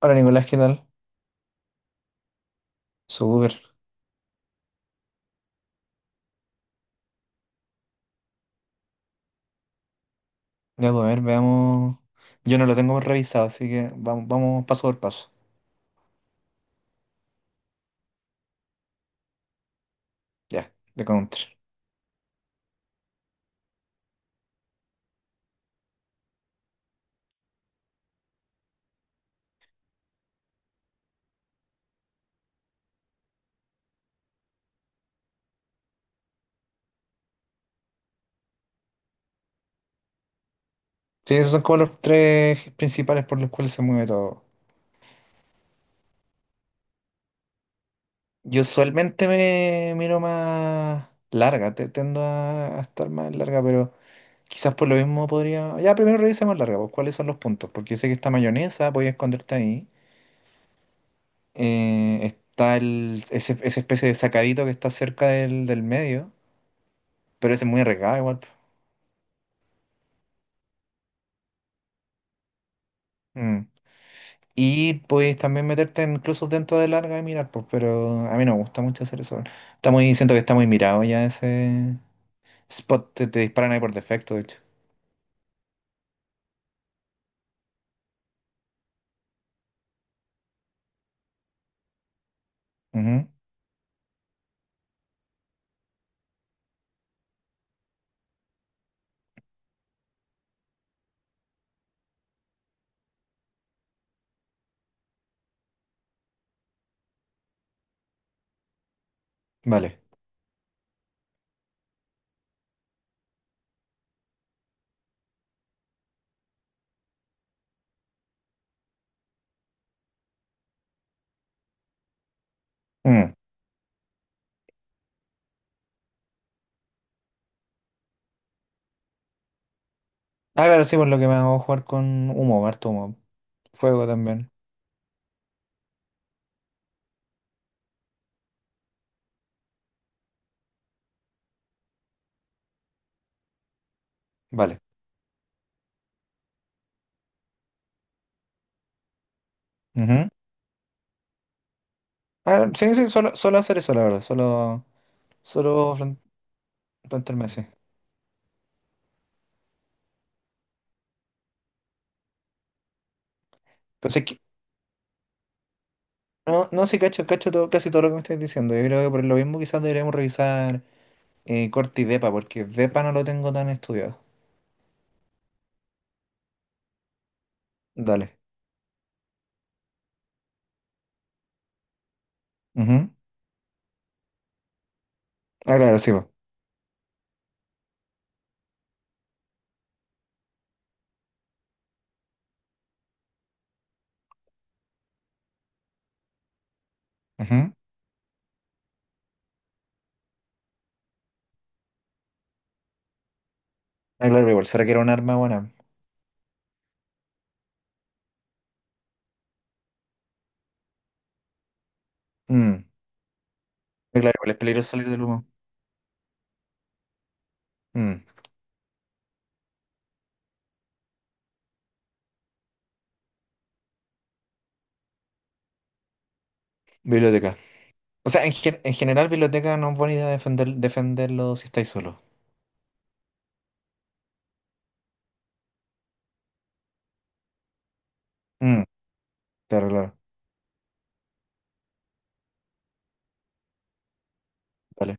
Hola Nicolás, ¿qué tal? Súper. Ya, pues, a ver, veamos. Yo no lo tengo revisado, así que vamos paso por paso. Ya, de counter. Sí, esos son como los tres principales por los cuales se mueve todo. Yo usualmente me miro más larga, tiendo a estar más larga, pero quizás por lo mismo podría. Ya, primero revisemos larga, pues cuáles son los puntos, porque yo sé que está mayonesa, voy a esconderte ahí. Está esa especie de sacadito que está cerca del medio, pero ese es muy arriesgado igual, pues. Mm. Y puedes también meterte incluso dentro de larga y mirar, pues, pero a mí no me gusta mucho hacer eso. Está muy, siento que está muy mirado ya ese spot, te disparan ahí por defecto, de hecho. Ujú. Vale. Mm. Ah, claro, sí, por lo que me hago jugar con humo, harto humo. Fuego también. Vale. Ujú. Ah, sí, sí, solo hacer eso, la verdad. Solo, plantearme así. Pero sí que, no, no sí, cacho, cacho todo, casi todo lo que me estáis diciendo. Yo creo que por lo mismo quizás deberíamos revisar Corte y Depa, porque Depa no lo tengo tan estudiado. Dale. Ujú. Ah, claro, sí, po. Ujú. Ah, claro, igual. ¿Será que era un arma buena? Mm. Ah, claro, igual es peligroso salir del humo. Mm. Biblioteca. O sea, en general, biblioteca no es buena idea defenderlo si estáis solo. Mm. Claro, claro. Vale.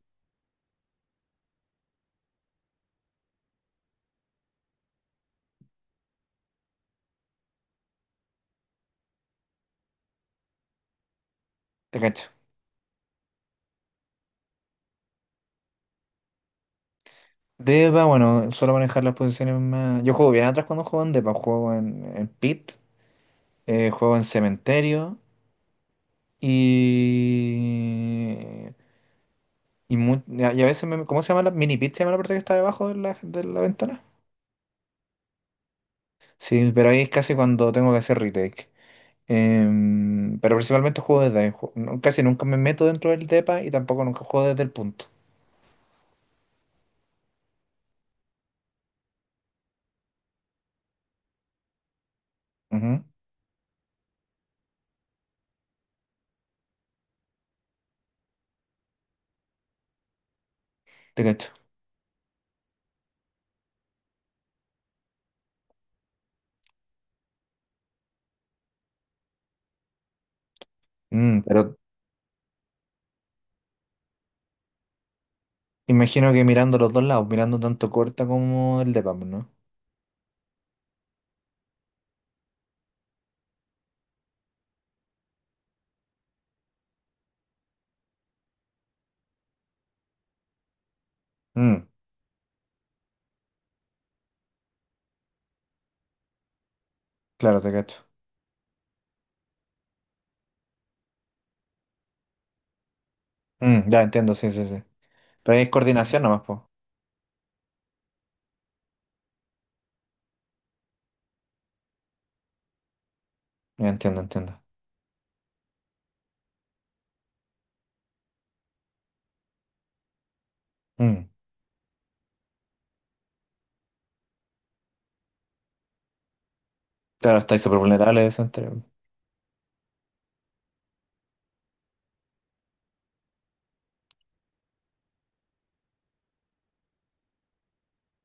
Te cacho. Deba, bueno, suelo manejar las posiciones más. Yo juego bien atrás cuando juego en Depa. Juego en Pit, juego en Cementerio y. Y a veces, ¿cómo se llama la mini pit? ¿Se llama la parte que está debajo de la ventana? Sí, pero ahí es casi cuando tengo que hacer retake. Pero principalmente juego desde ahí. Casi nunca me meto dentro del depa y tampoco nunca juego desde el punto. Ujú. Te cacho. Mm, pero imagino que mirando los dos lados, mirando tanto corta como el depa, pues, ¿no? Mm, claro, te cacho. Mm, ya entiendo, sí, sí, sí. Pero ahí es coordinación nomás, pues. Ya entiendo, entiendo. Mm, claro, estáis súper vulnerables.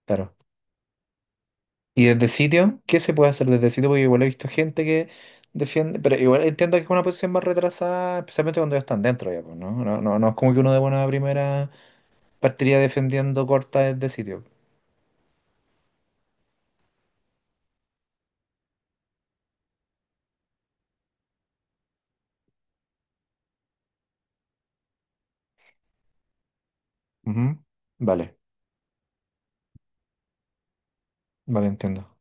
Claro. Y desde sitio, ¿qué se puede hacer desde sitio? Porque igual he visto gente que defiende, pero igual entiendo que es una posición más retrasada, especialmente cuando ya están dentro ya, pues, ¿no? No, no, no es como que uno de buena primera partiría defendiendo corta desde sitio. Ujú. Vale, vale, entiendo.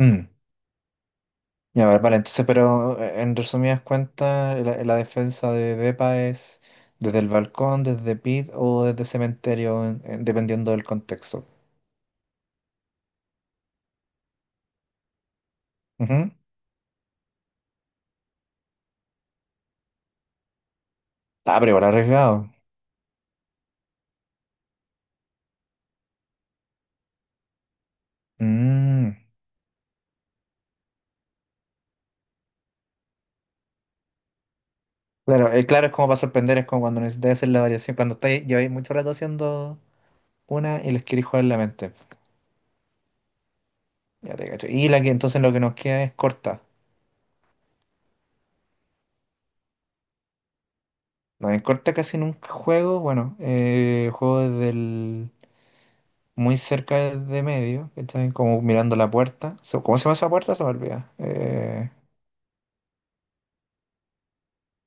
Mm. Ya, vale, vale, entonces, pero en resumidas cuentas, la defensa de Depa es desde el balcón, desde pit o desde cementerio, dependiendo del contexto. Ujú. Ah, pero igual arriesgado. Mm. Claro, claro, es como para sorprender, es como cuando necesitas hacer la variación, cuando estáis, lleváis mucho rato haciendo una y les queréis jugar la mente. Ya te cacho. Y la que entonces lo que nos queda es corta. No, en corta casi nunca juego, bueno, juego muy cerca de medio, ¿cachai? Como mirando la puerta. ¿Cómo se llama esa puerta? Se me olvida.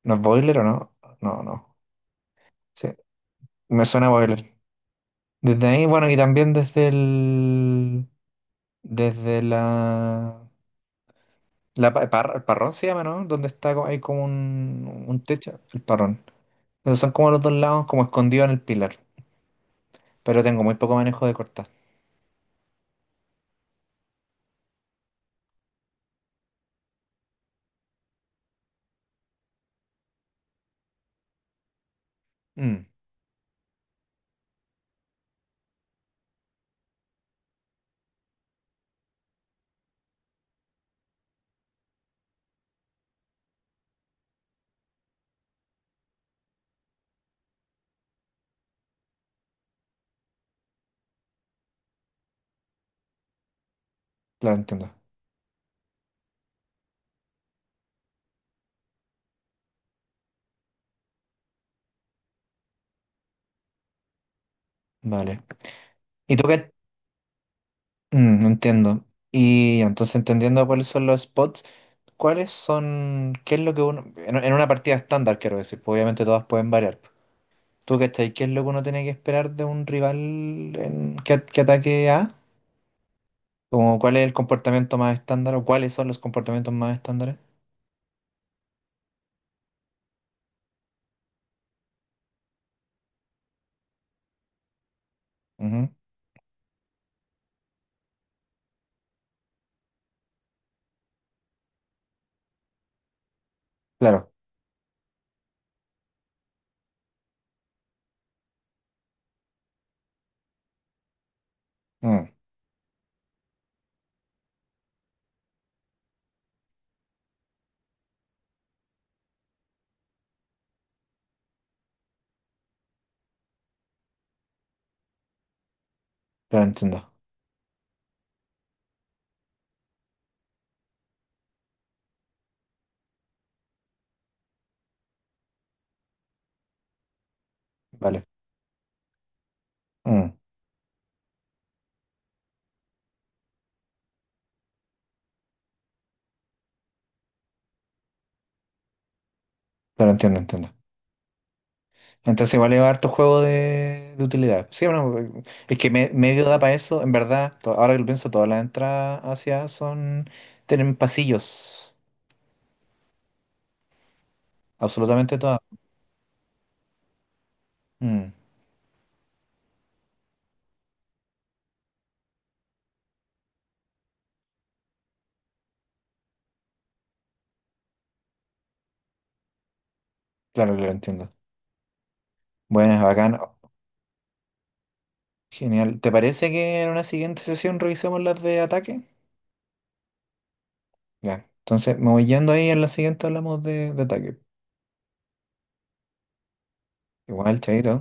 ¿No es boiler o no? No, no. Sí, me suena a boiler. Desde ahí, bueno, y también desde el, desde la La pa- par- el parrón se llama, ¿no? Donde está, hay como un techo, el parrón. Entonces son como los dos lados, como escondidos en el pilar. Pero tengo muy poco manejo de cortar. Mm, claro, entiendo. Vale. ¿Y tú qué? Mm, entiendo. Y entonces entendiendo cuáles son los spots, ¿cuáles son, qué es lo que uno, en una partida estándar quiero decir, pues obviamente todas pueden variar. ¿Tú cachai? ¿Qué es lo que uno tiene que esperar de un rival que ataque A? Como, ¿cuál es el comportamiento más estándar o cuáles son los comportamientos más estándares? Claro, mm, claro, entiendo. Vale, mm, claro, entiendo, entiendo. Entonces, igual lleva harto juego de utilidad. Sí, bueno, es que medio da para eso, en verdad. Ahora que lo pienso, todas las entradas hacia son. Tienen pasillos. Absolutamente todas. Mm, claro, claro, entiendo. Buenas, bacán. Oh, genial. ¿Te parece que en una siguiente sesión revisemos las de ataque? Ya. Entonces, me voy yendo ahí, en la siguiente hablamos de ataque. Igual, chaito.